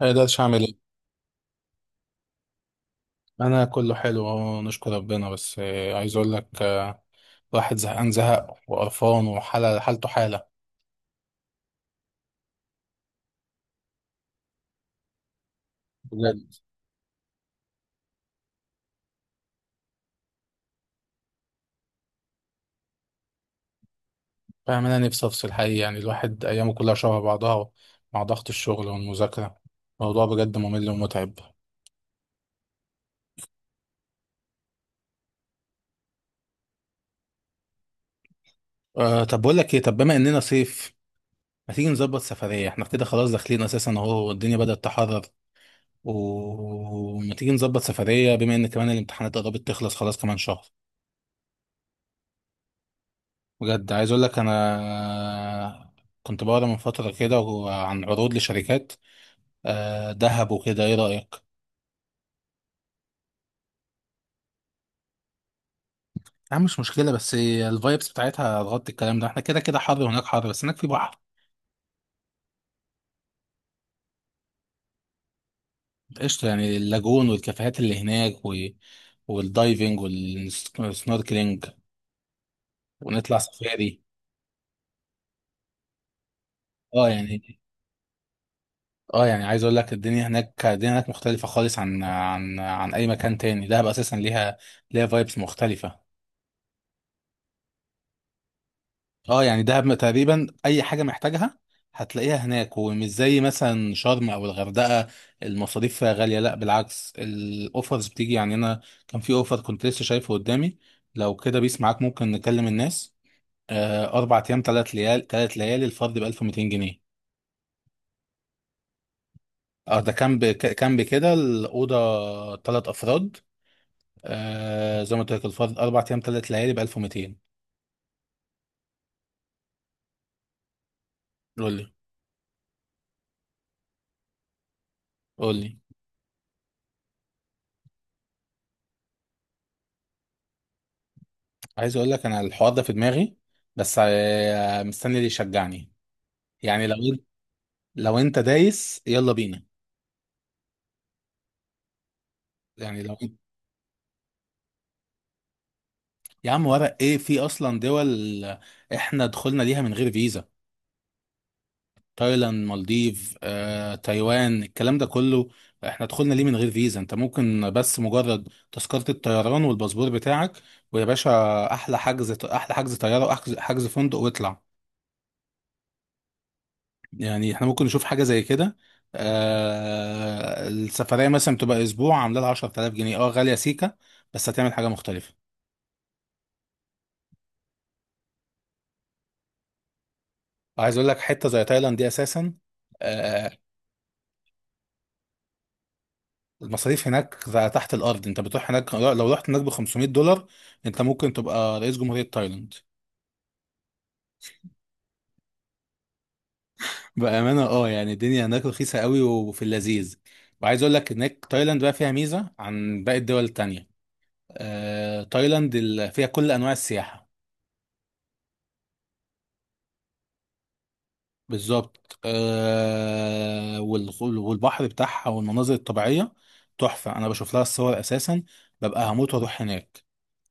ما اقدرش اعمل ايه؟ انا كله حلو اهو، نشكر ربنا. بس عايز اقول لك، الواحد زهقان زهق وقرفان وحاله حالته حاله. بجد، فاهم؟ انا نفسي افصل حقيقي، يعني الواحد ايامه كلها شبه بعضها مع ضغط الشغل والمذاكره، الموضوع بجد ممل ومتعب. طب بقول لك ايه، طب بما اننا صيف، ما تيجي نظبط سفريه؟ احنا كده خلاص داخلين اساسا اهو، والدنيا بدات تحرر. وما تيجي نظبط سفريه بما ان كمان الامتحانات قربت تخلص، خلاص كمان شهر. بجد، عايز اقول لك انا كنت بقرا من فتره كده عن عروض لشركات، دهب وكده، ايه رايك؟ يا عم مش مشكله، بس الفايبس بتاعتها هتغطي الكلام ده. احنا كده كده حر، وهناك حر، بس هناك في بحر. قشطه، يعني اللاجون والكافيهات اللي هناك والدايفنج والسنوركلينج، ونطلع سفاري. اه يعني اه يعني عايز اقول لك الدنيا هناك، مختلفه خالص عن اي مكان تاني. دهب اساسا ليها، فايبس مختلفه. اه يعني دهب تقريبا اي حاجه محتاجها هتلاقيها هناك، ومش زي مثلا شرم او الغردقه. المصاريف فيها غاليه؟ لا، بالعكس، الاوفرز بتيجي. يعني انا كان في اوفر كنت لسه شايفه قدامي، لو كده بيس معاك ممكن نكلم الناس. 4 ايام، 3 ليالي، الفرد ب 1200 جنيه. اه ده كامب. كامب كده، الاوضه 3 افراد. زي ما قلت لك، الفرد 4 ايام 3 ليالي ب 1200. قول لي، قول لي، عايز اقول لك انا الحوار ده في دماغي، بس مستني اللي يشجعني. يعني لو انت، دايس يلا بينا. يعني لو انت. يا عم، ورق ايه في اصلا؟ دول احنا دخلنا ليها من غير فيزا. تايلاند، مالديف، تايوان، الكلام ده كله احنا دخلنا ليه من غير فيزا. انت ممكن بس مجرد تذكرة الطيران والباسبور بتاعك، ويا باشا، احلى حجز طيارة، واحجز فندق، واطلع. يعني احنا ممكن نشوف حاجة زي كده. السفرية مثلا بتبقى أسبوع، عاملة لها 10000 جنيه. اه غالية سيكة، بس هتعمل حاجة مختلفة. وعايز أقول لك، حتة زي تايلاند دي أساسا، آه المصاريف هناك تحت الأرض. أنت بتروح هناك، لو رحت هناك ب 500 دولار أنت ممكن تبقى رئيس جمهورية تايلاند. بأمانة، يعني الدنيا هناك رخيصة قوي وفي اللذيذ. وعايز أقول لك هناك، تايلاند بقى فيها ميزة عن باقي الدول التانية. تايلاند فيها كل أنواع السياحة. بالظبط، والبحر بتاعها والمناظر الطبيعية تحفة. أنا بشوف لها الصور أساسا، ببقى هموت وأروح هناك.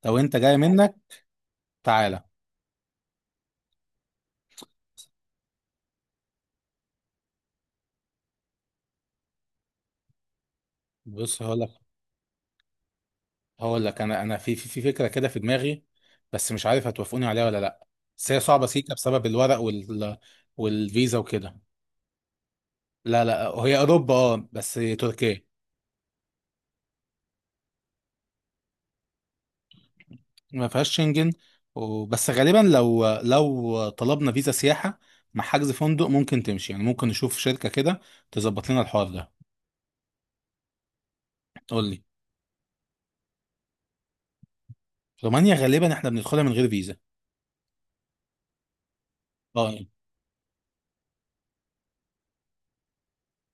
لو أنت جاي منك، تعالى. بص، هقول لك، أنا في فكرة كده في دماغي، بس مش عارف هتوافقوني عليها ولا لأ. بس هي صعبة سيكا بسبب الورق والفيزا وكده. لا، لا هي أوروبا، بس تركيا، ما فيهاش شنجن. بس غالبا، لو طلبنا فيزا سياحة مع حجز فندق ممكن تمشي. يعني ممكن نشوف شركة كده تظبط لنا الحوار ده. قول لي، رومانيا غالبا احنا بندخلها من غير فيزا، اه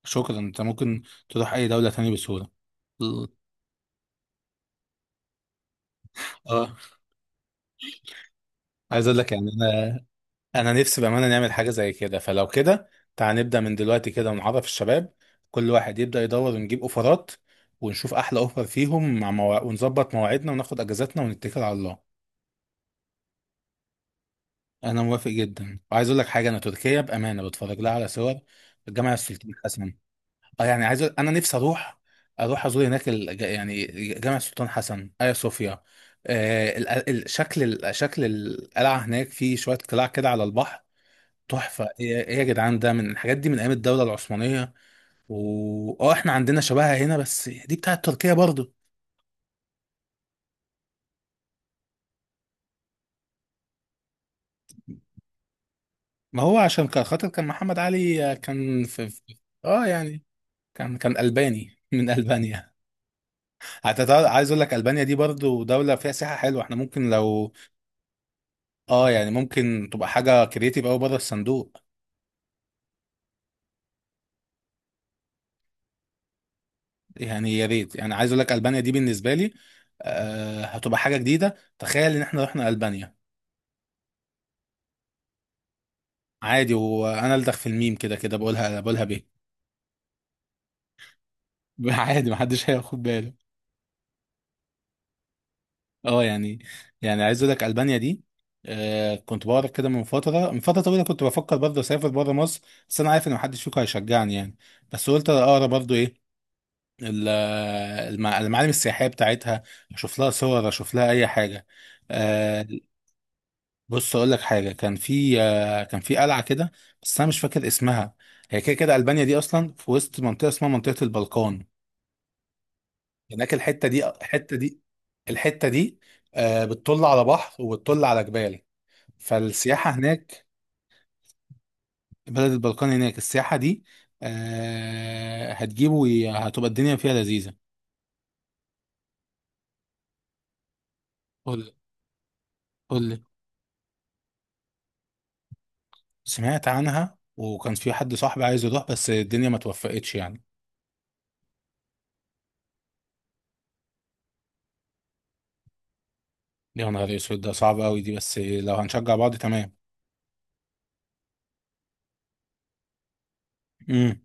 شكرا. انت ممكن تروح اي دولة تانية بسهولة. اه عايز اقول لك، يعني انا نفسي بامانه نعمل حاجه زي كده. فلو كده، تعال نبدا من دلوقتي كده ونعرف الشباب، كل واحد يبدا يدور ونجيب اوفرات، ونشوف احلى اوفر فيهم. ونظبط مواعيدنا، وناخد اجازاتنا، ونتكل على الله. انا موافق جدا، وعايز اقول لك حاجه. انا تركيا بامانه بتفرج لها على صور الجامع السلطان حسن. اه يعني عايز انا نفسي اروح ازور هناك، يعني جامع السلطان حسن، ايا صوفيا. شكل القلعه هناك، في شويه قلاع كده على البحر، تحفه. ايه إيه يا جدعان! ده من الحاجات دي من ايام الدوله العثمانيه. و احنا عندنا شبهها هنا، بس دي بتاعت تركيا برضه. ما هو عشان كان خاطر كان محمد علي، اه يعني، كان الباني من البانيا. عايز اقول لك البانيا دي برضو دوله فيها سياحه حلوه. احنا ممكن لو، اه يعني، ممكن تبقى حاجه كرييتيف قوي بره الصندوق. يعني يا ريت. يعني عايز اقول لك البانيا دي بالنسبه لي، هتبقى حاجه جديده. تخيل ان احنا رحنا البانيا! عادي، وانا الدخ في الميم كده كده بقولها، بيه. عادي محدش هياخد باله. اه يعني، عايز اقول لك البانيا دي، كنت بقرا كده من فتره طويله. كنت بفكر برضه اسافر بره مصر، بس انا عارف ان محدش فيكم هيشجعني يعني. بس قلت اقرا برضه ايه ال- المعالم السياحية بتاعتها، أشوف لها صور، أشوف لها أي حاجة، آه، بص أقول لك حاجة. كان في قلعة كده بس أنا مش فاكر اسمها. هي كده كده ألبانيا دي أصلا في وسط منطقة اسمها منطقة البلقان. هناك الحتة دي، الحتة دي بتطل على بحر وبتطل على جبال، فالسياحة هناك. بلد البلقان هناك، السياحة دي هتجيبه، هتبقى الدنيا فيها لذيذة. قول قول لي. سمعت عنها، وكان في حد صاحبي عايز يروح بس الدنيا ما توفقتش يعني. يا نهار اسود، ده صعب قوي دي! بس لو هنشجع بعض، تمام. امم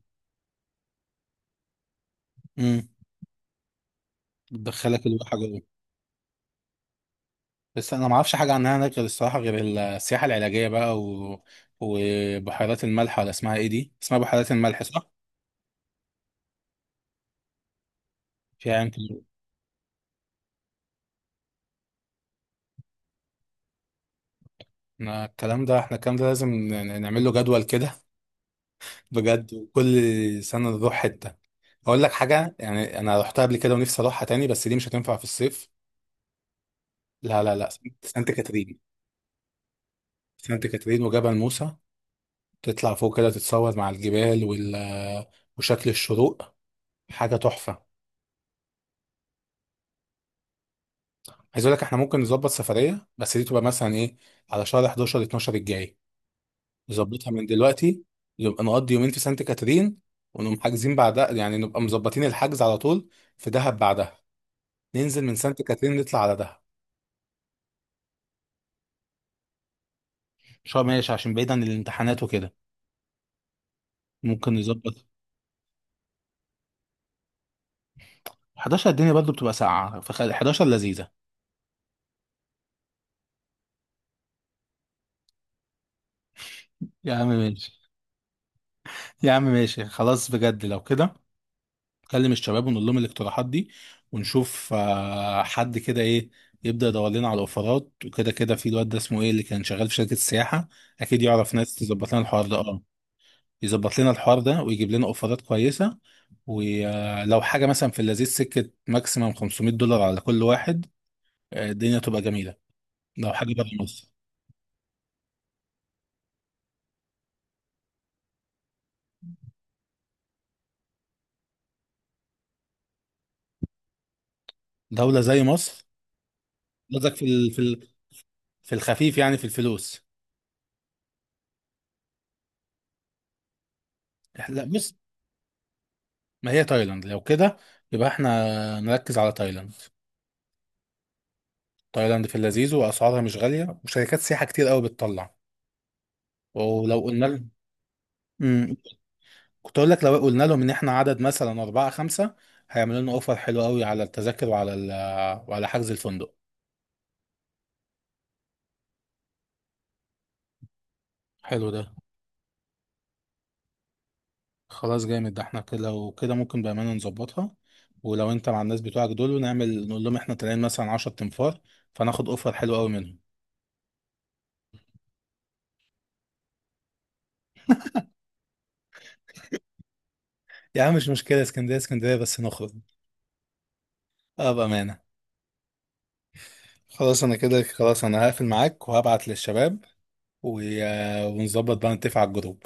امم بتدخلك الواحة جوه. بس انا ما اعرفش حاجه عنها هناك غير، الصراحه، غير السياحه العلاجيه بقى وبحيرات الملح، ولا اسمها ايه دي، اسمها بحيرات الملح صح؟ فيها يمكن. إحنا الكلام ده احنا الكلام ده لازم نعمل له جدول كده. بجد، وكل سنه نروح حته. اقول لك حاجه يعني، انا رحتها قبل كده ونفسي اروحها تاني، بس دي مش هتنفع في الصيف. لا، لا، لا، سانت كاترين. سانت كاترين وجبل موسى، تطلع فوق كده تتصور مع الجبال وشكل الشروق. حاجة تحفة. عايز اقول لك احنا ممكن نظبط سفرية، بس دي تبقى مثلا ايه، على شهر 11 12 الجاي. نظبطها من دلوقتي، نبقى نقضي يومين في سانت كاترين، ونقوم حاجزين بعدها. يعني نبقى مظبطين الحجز على طول في دهب بعدها، ننزل من سانت كاترين نطلع على دهب. شهر ماشي، عشان بعيد عن الامتحانات وكده، ممكن نظبط 11. الدنيا برضه بتبقى ساقعة، فخلي 11 لذيذة. يا عم ماشي، يا عم ماشي، خلاص بجد. لو كده، نكلم الشباب ونقول لهم الاقتراحات دي، ونشوف حد كده ايه، يبدأ يدور لنا على الاوفرات وكده كده. في الواد ده اسمه ايه، اللي كان شغال في شركة السياحة، اكيد يعرف ناس تظبط لنا الحوار ده، يظبط لنا الحوار ده ويجيب لنا اوفرات كويسة. ولو حاجة مثلا في اللذيذ سكة، ماكسيمم 500 دولار على كل واحد، الدنيا تبقى جميلة، لو حاجة بره مصر. دولة زي مصر، قصدك في الخفيف؟ يعني في الفلوس. لا، بص، ما هي تايلاند لو كده، يبقى احنا نركز على تايلاند. تايلاند في اللذيذ، واسعارها مش غاليه، وشركات سياحه كتير قوي بتطلع. ولو قلنا لهم مم. كنت اقول لك، لو قلنا لهم ان احنا عدد مثلا اربعه خمسه، هيعملوا لنا اوفر حلو قوي على التذاكر وعلى حجز الفندق. حلو ده. خلاص جامد ده، احنا كده لو كده ممكن بامانه نظبطها. ولو انت مع الناس بتوعك دول نقول لهم احنا طالعين مثلا 10 تنفار، فناخد اوفر حلو قوي منهم. يا عم مش مشكله اسكندريه، اسكندريه بس نخرج. اه بامانه. خلاص، انا كده، خلاص، انا هقفل معاك وهبعت للشباب، و... ونظبط بقى، نتفق على الجروب.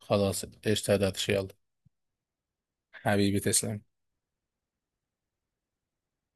خلاص قشطة يا درش، يلا. حبيبي، تسلم.